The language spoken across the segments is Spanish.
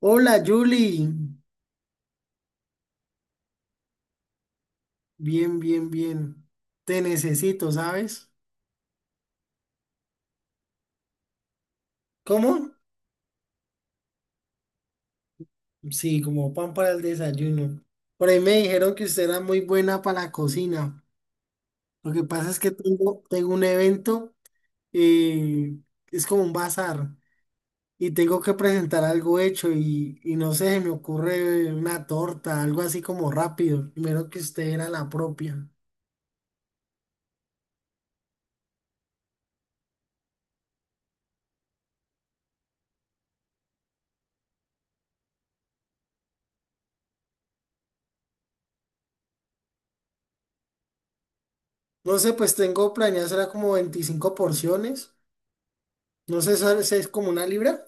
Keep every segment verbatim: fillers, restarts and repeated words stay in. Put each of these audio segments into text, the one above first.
Hola, Julie. Bien, bien, bien. Te necesito, ¿sabes? ¿Cómo? Sí, como pan para el desayuno. Por ahí me dijeron que usted era muy buena para la cocina. Lo que pasa es que tengo, tengo un evento, eh, es como un bazar, y tengo que presentar algo hecho y, y no sé, se me ocurre una torta, algo así como rápido. Primero que usted era la propia. No sé, pues tengo planeado, será como veinticinco porciones. No sé, ¿sabes? ¿Es como una libra?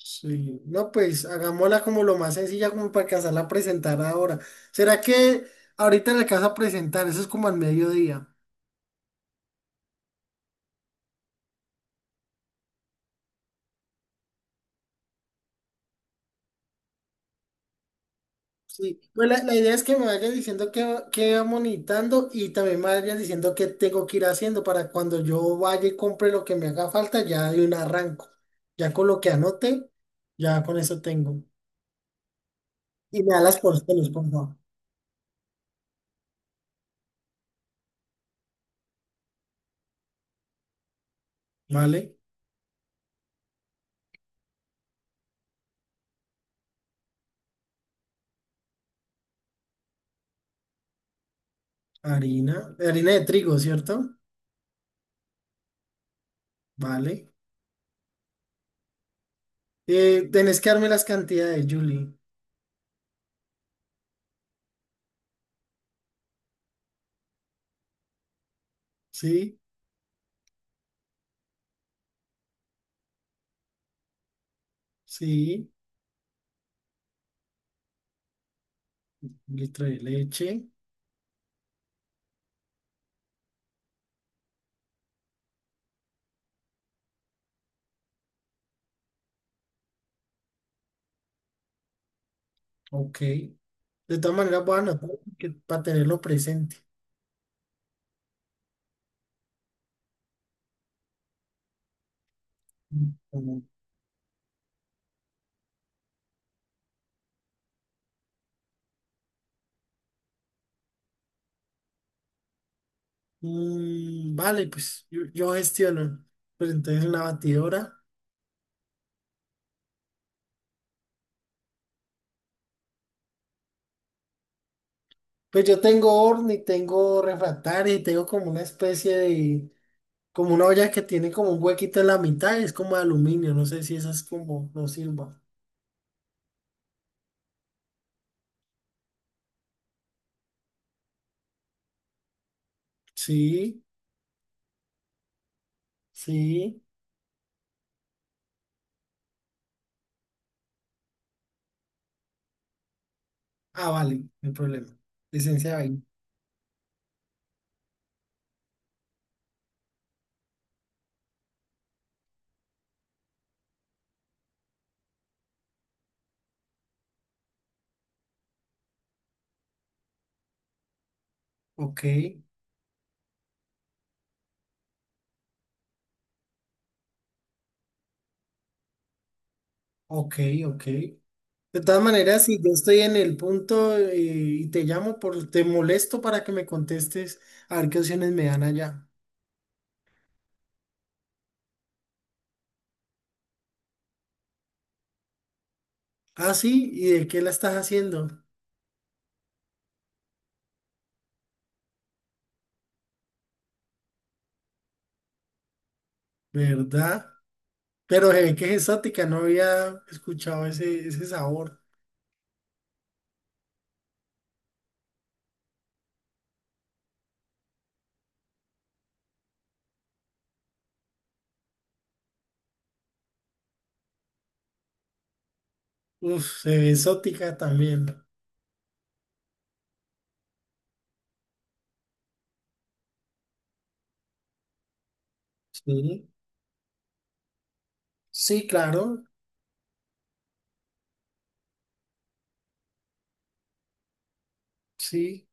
Sí, no, pues hagámosla como lo más sencilla, como para alcanzarla a presentar ahora. ¿Será que ahorita la alcanza a presentar? Eso es como al mediodía. Sí, pues la, la idea es que me vayas diciendo qué va- que va monitando y también me vayas diciendo qué tengo que ir haciendo para cuando yo vaya y compre lo que me haga falta, ya de un arranco. Ya con lo que anote, ya con eso tengo. Y me da las porciones, por favor. Vale, harina, harina de trigo, ¿cierto? Vale. Eh, tenés que darme las cantidades, Julie. Sí, sí, un litro de leche, ok. De todas maneras voy a anotar porque- para tenerlo presente. Mm, mm, vale, pues yo, yo gestiono. Pues entonces una batidora. Pues yo tengo horno y tengo refractario y tengo como una especie de, como una olla que tiene como un huequito en la mitad, es como de aluminio, no sé si esa es como, no sirva. Sí, sí. Ah, vale, no hay problema. Licencia de vaina. Ok, ok, ok. De todas maneras, si yo estoy en el punto eh, y te llamo, por, te molesto para que me contestes a ver qué opciones me dan allá. Ah, sí, ¿y de qué la estás haciendo? ¿Verdad? Pero se ve que es exótica, no había escuchado ese, ese sabor. Uf, se ve exótica también. Sí, sí, claro, sí,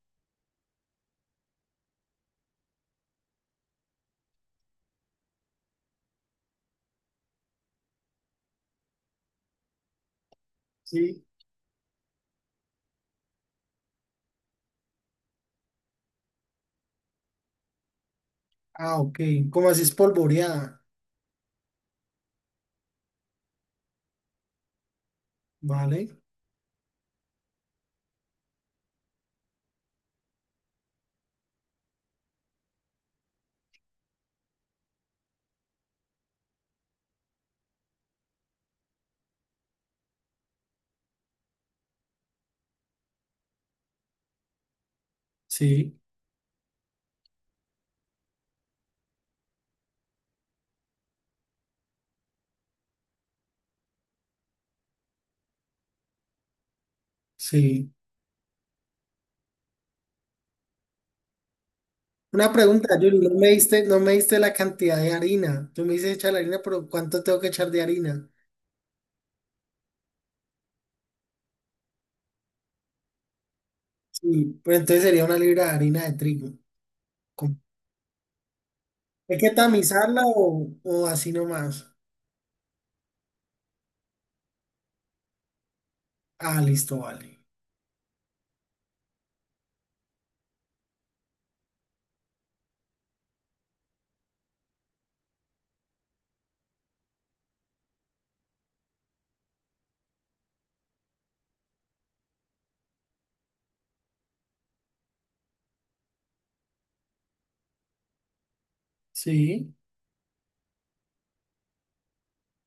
sí. Ah, ok, como así espolvoreada, ¿vale? Sí, sí. Una pregunta, Yuri, no me diste, no me diste la cantidad de harina. Tú me dices echar la harina, pero ¿cuánto tengo que echar de harina? Sí, pero entonces sería una libra de harina de trigo. ¿Cómo? ¿Hay que tamizarla o, o así nomás? Ah, listo, vale. Sí,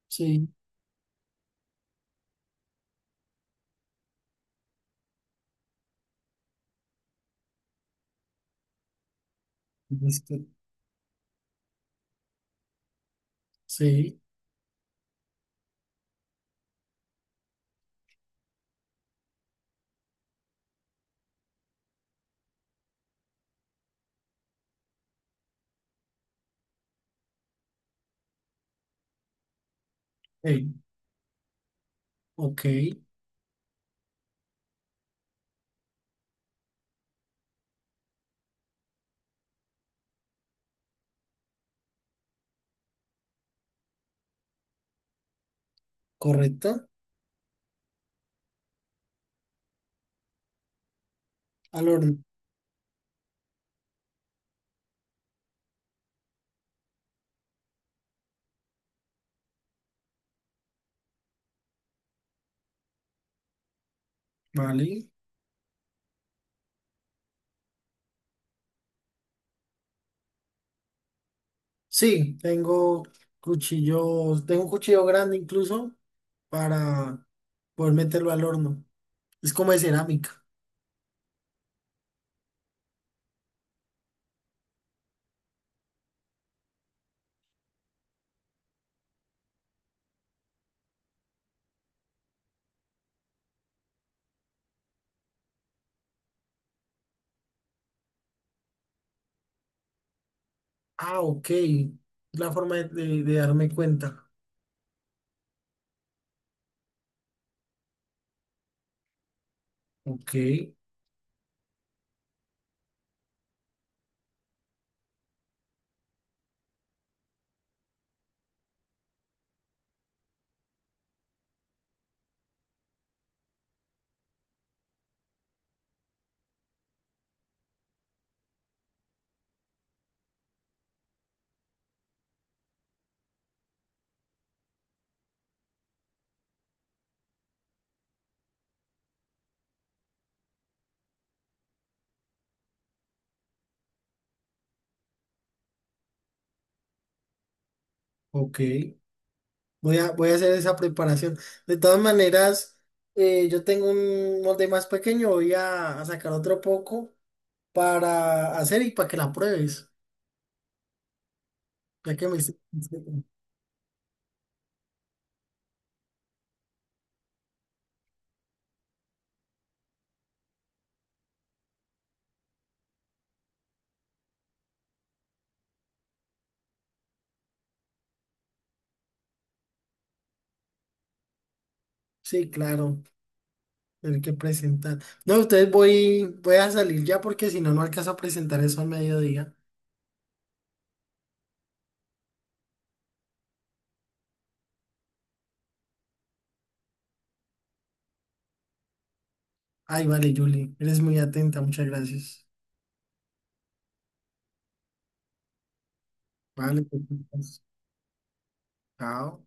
sí, listo. Sí, sí, ok, correcto. Al horno, vale. Sí, tengo cuchillos, tengo un cuchillo grande incluso para poder meterlo al horno. Es como de cerámica. Ah, ok. La forma de, de- de darme cuenta. Ok, ok. Voy a, voy a hacer esa preparación. De todas maneras, eh, yo tengo un molde más pequeño. Voy a, a sacar otro poco para hacer y para que la pruebes. Ya que me... hice- Sí, claro. Tener que presentar. No, ustedes voy, voy a salir ya porque si no, no alcanzo a presentar eso al mediodía. Ay, vale, Julie. Eres muy atenta. Muchas gracias. Vale, pues, pues, pues. Chao.